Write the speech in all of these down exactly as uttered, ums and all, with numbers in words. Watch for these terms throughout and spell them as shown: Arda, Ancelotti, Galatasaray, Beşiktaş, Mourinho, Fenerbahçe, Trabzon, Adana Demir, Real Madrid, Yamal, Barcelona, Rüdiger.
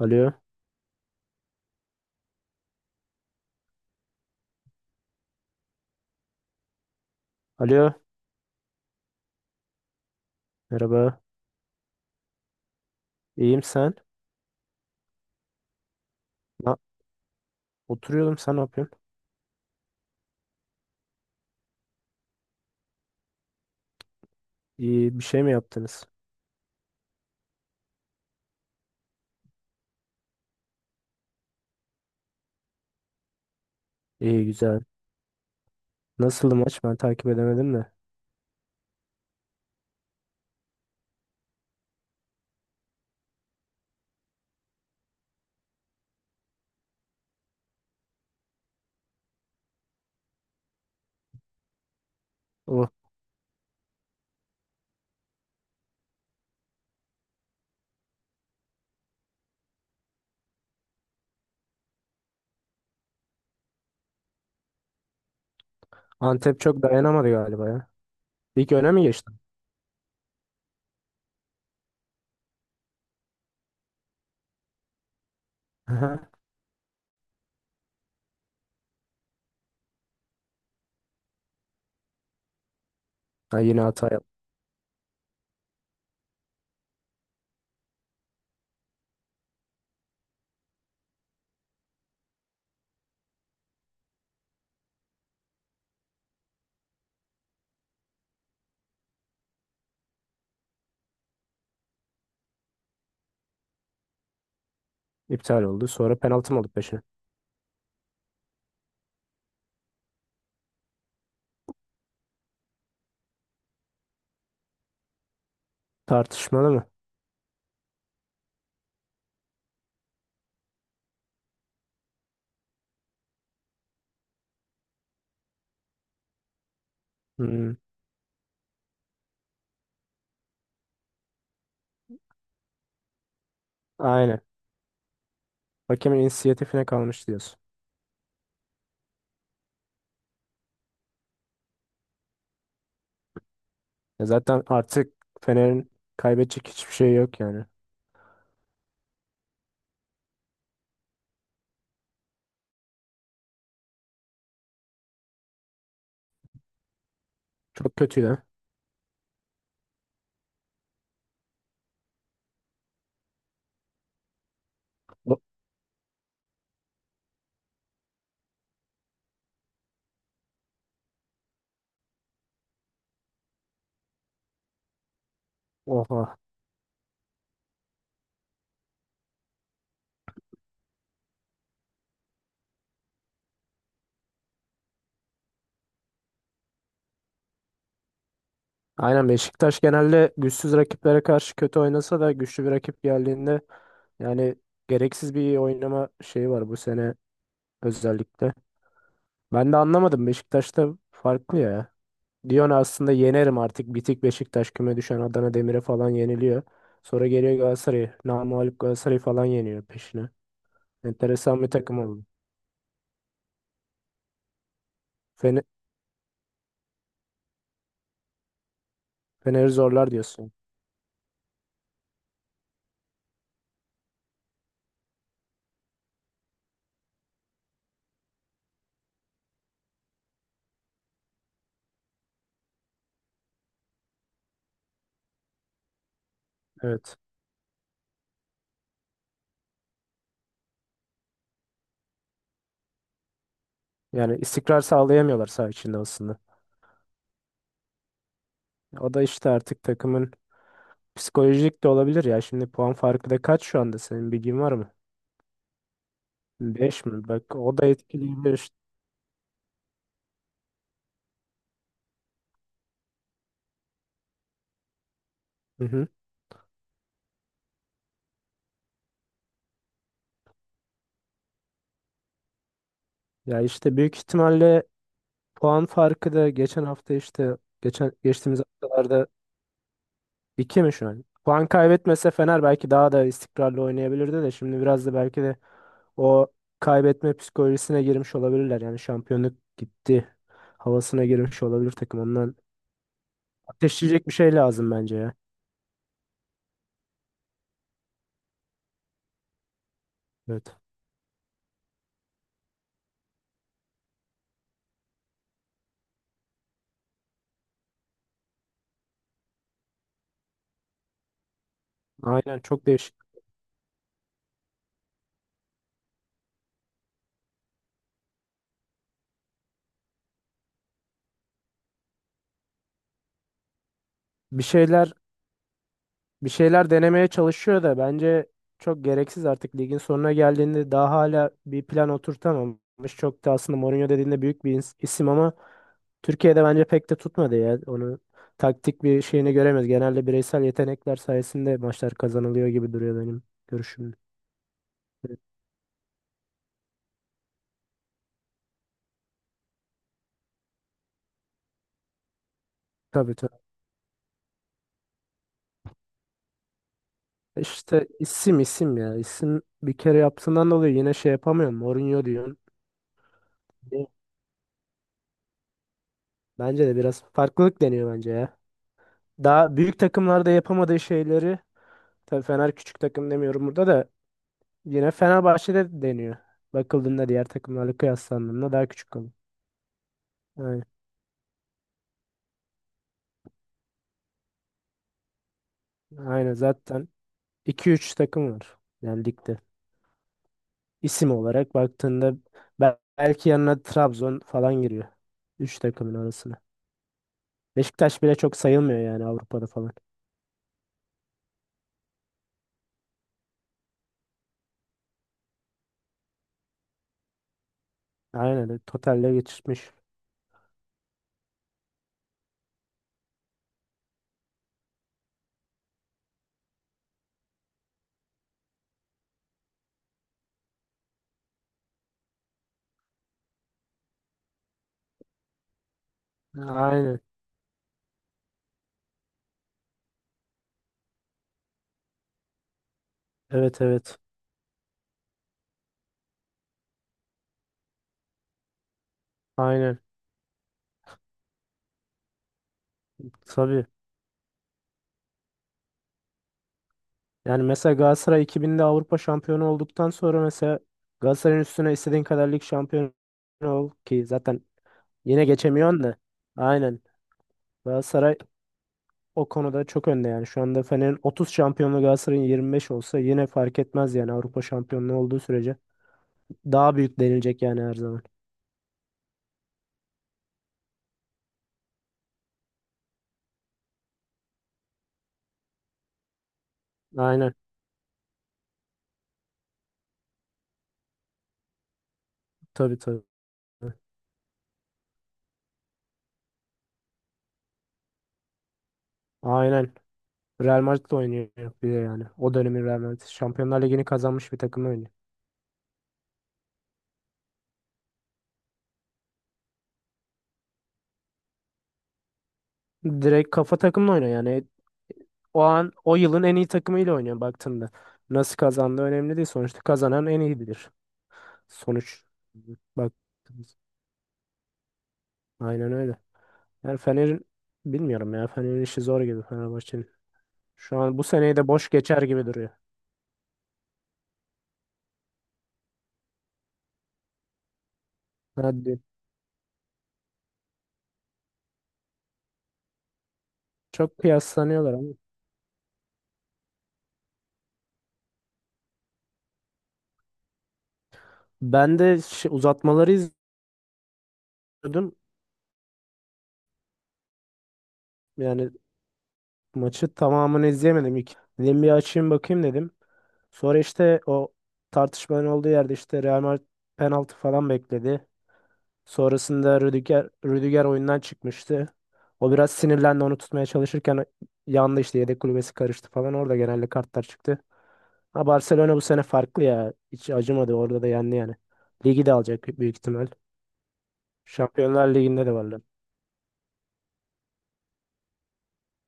Alo. Alo. Merhaba. İyiyim sen? Na- Oturuyordum sen ne yapıyorsun? İyi bir şey mi yaptınız? İyi güzel. Nasıldı maç? Ben takip edemedim de. O Antep çok dayanamadı galiba ya. İlk öne mi geçti? Aha. Ha, yine hata yaptı. İptal oldu. Sonra penaltı mı aldı peşine? Tartışmalı mı? Hmm, aynen. Hakemin inisiyatifine kalmış diyorsun. Ya zaten artık Fener'in kaybedecek hiçbir şey yok yani. Çok kötüydü. Ha. O- Oha. Aynen Beşiktaş genelde güçsüz rakiplere karşı kötü oynasa da güçlü bir rakip geldiğinde yani gereksiz bir oynama şeyi var bu sene özellikle. Ben de anlamadım, Beşiktaş'ta farklı ya. Diyorsun aslında yenerim, artık bitik Beşiktaş küme düşen Adana Demir'e falan yeniliyor. Sonra geliyor Galatasaray'ı, namağlup Galatasaray'ı falan yeniyor peşine. Enteresan bir takım oldu. Fener, Fener'i zorlar diyorsun. Evet. Yani istikrar sağlayamıyorlar saha içinde aslında. O da işte artık takımın. Psikolojik de olabilir ya. Şimdi puan farkı da kaç şu anda? Senin bilgin var mı? Beş mi? Bak, o da etkileyebilir işte. Hı hı. Ya işte büyük ihtimalle puan farkı da geçen hafta işte geçen geçtiğimiz haftalarda iki mi şu an? Puan kaybetmese Fener belki daha da istikrarlı oynayabilirdi de, şimdi biraz da belki de o kaybetme psikolojisine girmiş olabilirler. Yani şampiyonluk gitti havasına girmiş olabilir takım. Ondan ateşleyecek bir şey lazım bence ya. Evet. Aynen çok değişik. Bir şeyler bir şeyler denemeye çalışıyor da, bence çok gereksiz, artık ligin sonuna geldiğinde daha hala bir plan oturtamamış. Çok da aslında Mourinho dediğinde büyük bir ins- isim ama Türkiye'de bence pek de tutmadı ya. Onu taktik bir şeyini göremez. Genelde bireysel yetenekler sayesinde maçlar kazanılıyor gibi duruyor benim görüşüm. Evet. Tabii tabii. E, İşte isim isim ya. İsim bir kere yaptığından dolayı yine şey yapamıyorum. Mourinho diyorsun. Bence de biraz farklılık deniyor bence ya. Daha büyük takımlarda yapamadığı şeyleri, tabii Fener küçük takım demiyorum burada da, yine Fenerbahçe'de deniyor. Bakıldığında diğer takımlarla kıyaslandığında daha küçük kalıyor. Aynen. Aynen, zaten iki üç takım var yani ligde. İsim olarak baktığında bel- belki yanına Trabzon falan giriyor. Üç takımın arasına. Beşiktaş bile çok sayılmıyor yani Avrupa'da falan. Aynen, totalle geçirmiş. Aynen. Evet evet. Aynen. Tabii. Yani mesela Galatasaray iki binde Avrupa şampiyonu olduktan sonra mesela, Galatasaray'ın üstüne istediğin kadar lig şampiyonu ol ki, zaten yine geçemiyorsun da. Aynen. Galatasaray o konuda çok önde yani. Şu anda Fener'in otuz şampiyonluğu, Galatasaray'ın yirmi beş olsa, yine fark etmez yani Avrupa şampiyonluğu olduğu sürece. Daha büyük denilecek yani her zaman. Aynen. Tabii tabii. Aynen. Real Madrid oynuyor bir de yani. O dönemin Real Madrid. Şampiyonlar Ligi'ni kazanmış bir takımla oynuyor. Direkt kafa takımla oynuyor yani. O an o yılın en iyi takımıyla oynuyor baktığında. Nasıl kazandığı önemli değil. Sonuçta kazanan en iyi bilir. Sonuç, bak aynen öyle. Yani Fener'in, bilmiyorum ya, Fener'in işi zor gibi, Fenerbahçe'nin. Şu an bu seneyi de boş geçer gibi duruyor. Hadi. Çok kıyaslanıyorlar ama. Ben de şi- uzatmaları izliyordum. Yani maçı tamamını izleyemedim ilk. Dedim bir açayım bakayım dedim. Sonra işte o tartışmanın olduğu yerde işte Real Madrid penaltı falan bekledi. Sonrasında Rüdiger, Rüdiger oyundan çıkmıştı. O biraz sinirlendi, onu tutmaya çalışırken yandı işte, yedek kulübesi karıştı falan. Orada genelde kartlar çıktı. Ha, Barcelona bu sene farklı ya. Hiç acımadı, orada da yendi yani. Ligi de alacak büyük ihtimal. Şampiyonlar Ligi'nde de varlar.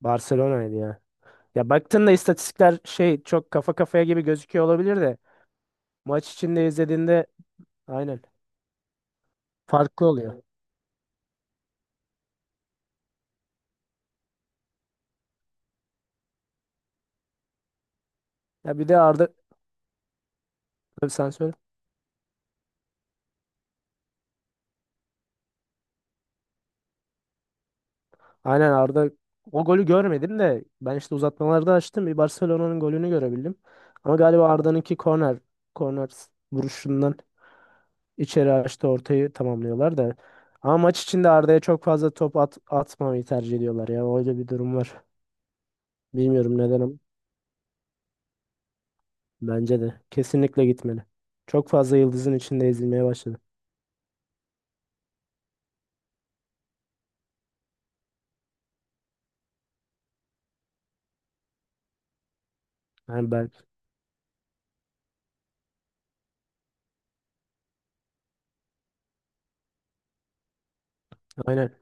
Barcelona'ydı ya. Ya baktığında istatistikler şey, çok kafa kafaya gibi gözüküyor olabilir de, maç içinde izlediğinde aynen farklı oluyor. Ya bir de Arda. Tabii sen söyle. Aynen Arda, o golü görmedim de ben işte uzatmalarda açtım. Bir Barcelona'nın golünü görebildim. Ama galiba Arda'nınki korner korner vuruşundan içeri açtı, ortayı tamamlıyorlar da. Ama maç içinde Arda'ya çok fazla top at, atmamayı tercih ediyorlar ya. Öyle bir durum var. Bilmiyorum neden ama bence de kesinlikle gitmeli. Çok fazla yıldızın içinde ezilmeye başladı. Yani ben, aynen.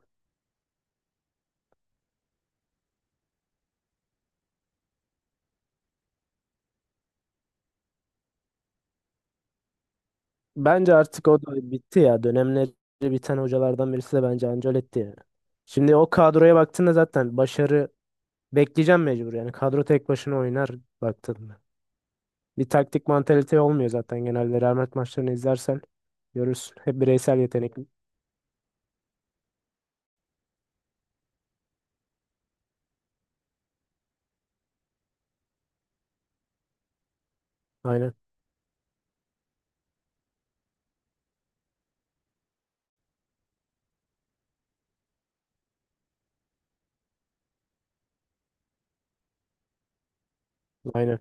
Bence artık o da bitti ya. Dönemleri biten hocalardan birisi de bence Ancelotti yani. Şimdi o kadroya baktığında zaten başarı bekleyeceğim mecbur. Yani kadro tek başına oynar baktığında. Bir taktik mantalite olmuyor zaten genelde. Rahmet maçlarını izlersen görürsün. Hep bireysel yetenek. Aynen. Aynen.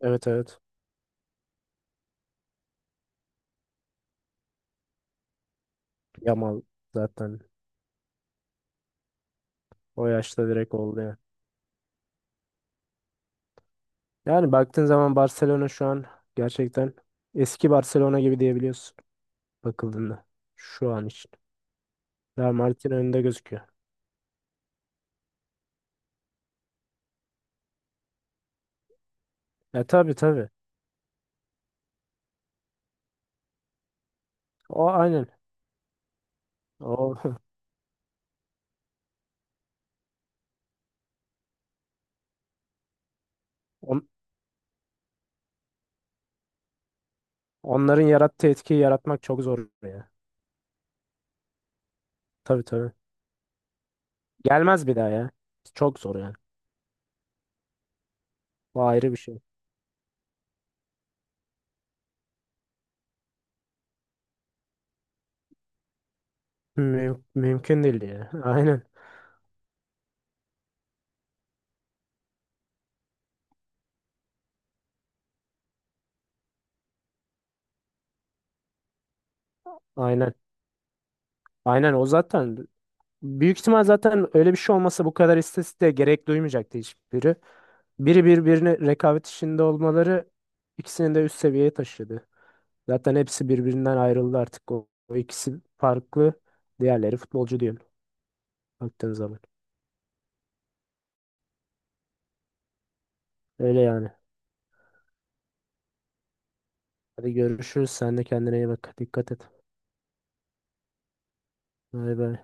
Evet evet. Yamal zaten o yaşta direkt oldu yani. Yani baktığın zaman Barcelona şu an gerçekten eski Barcelona gibi diyebiliyorsun bakıldığında. Şu an için. Real Madrid'in önünde gözüküyor. E tabii tabii. O aynen. O on- onların yarattığı etkiyi yaratmak çok zor ya. Tabii tabii. Gelmez bir daha ya. Çok zor yani. O ayrı bir şey. Müm- mümkün değil ya. Aynen. Aynen. Aynen o, zaten büyük ihtimal zaten öyle bir şey olmasa bu kadar istatistiğe gerek duymayacaktı hiçbiri. Biri birbirine rekabet içinde olmaları ikisini de üst seviyeye taşıdı. Zaten hepsi birbirinden ayrıldı artık. O, o ikisi farklı. Diğerleri futbolcu diyorum baktığın zaman. Öyle yani. Hadi görüşürüz. Sen de kendine iyi bak. Dikkat et. Bay bay.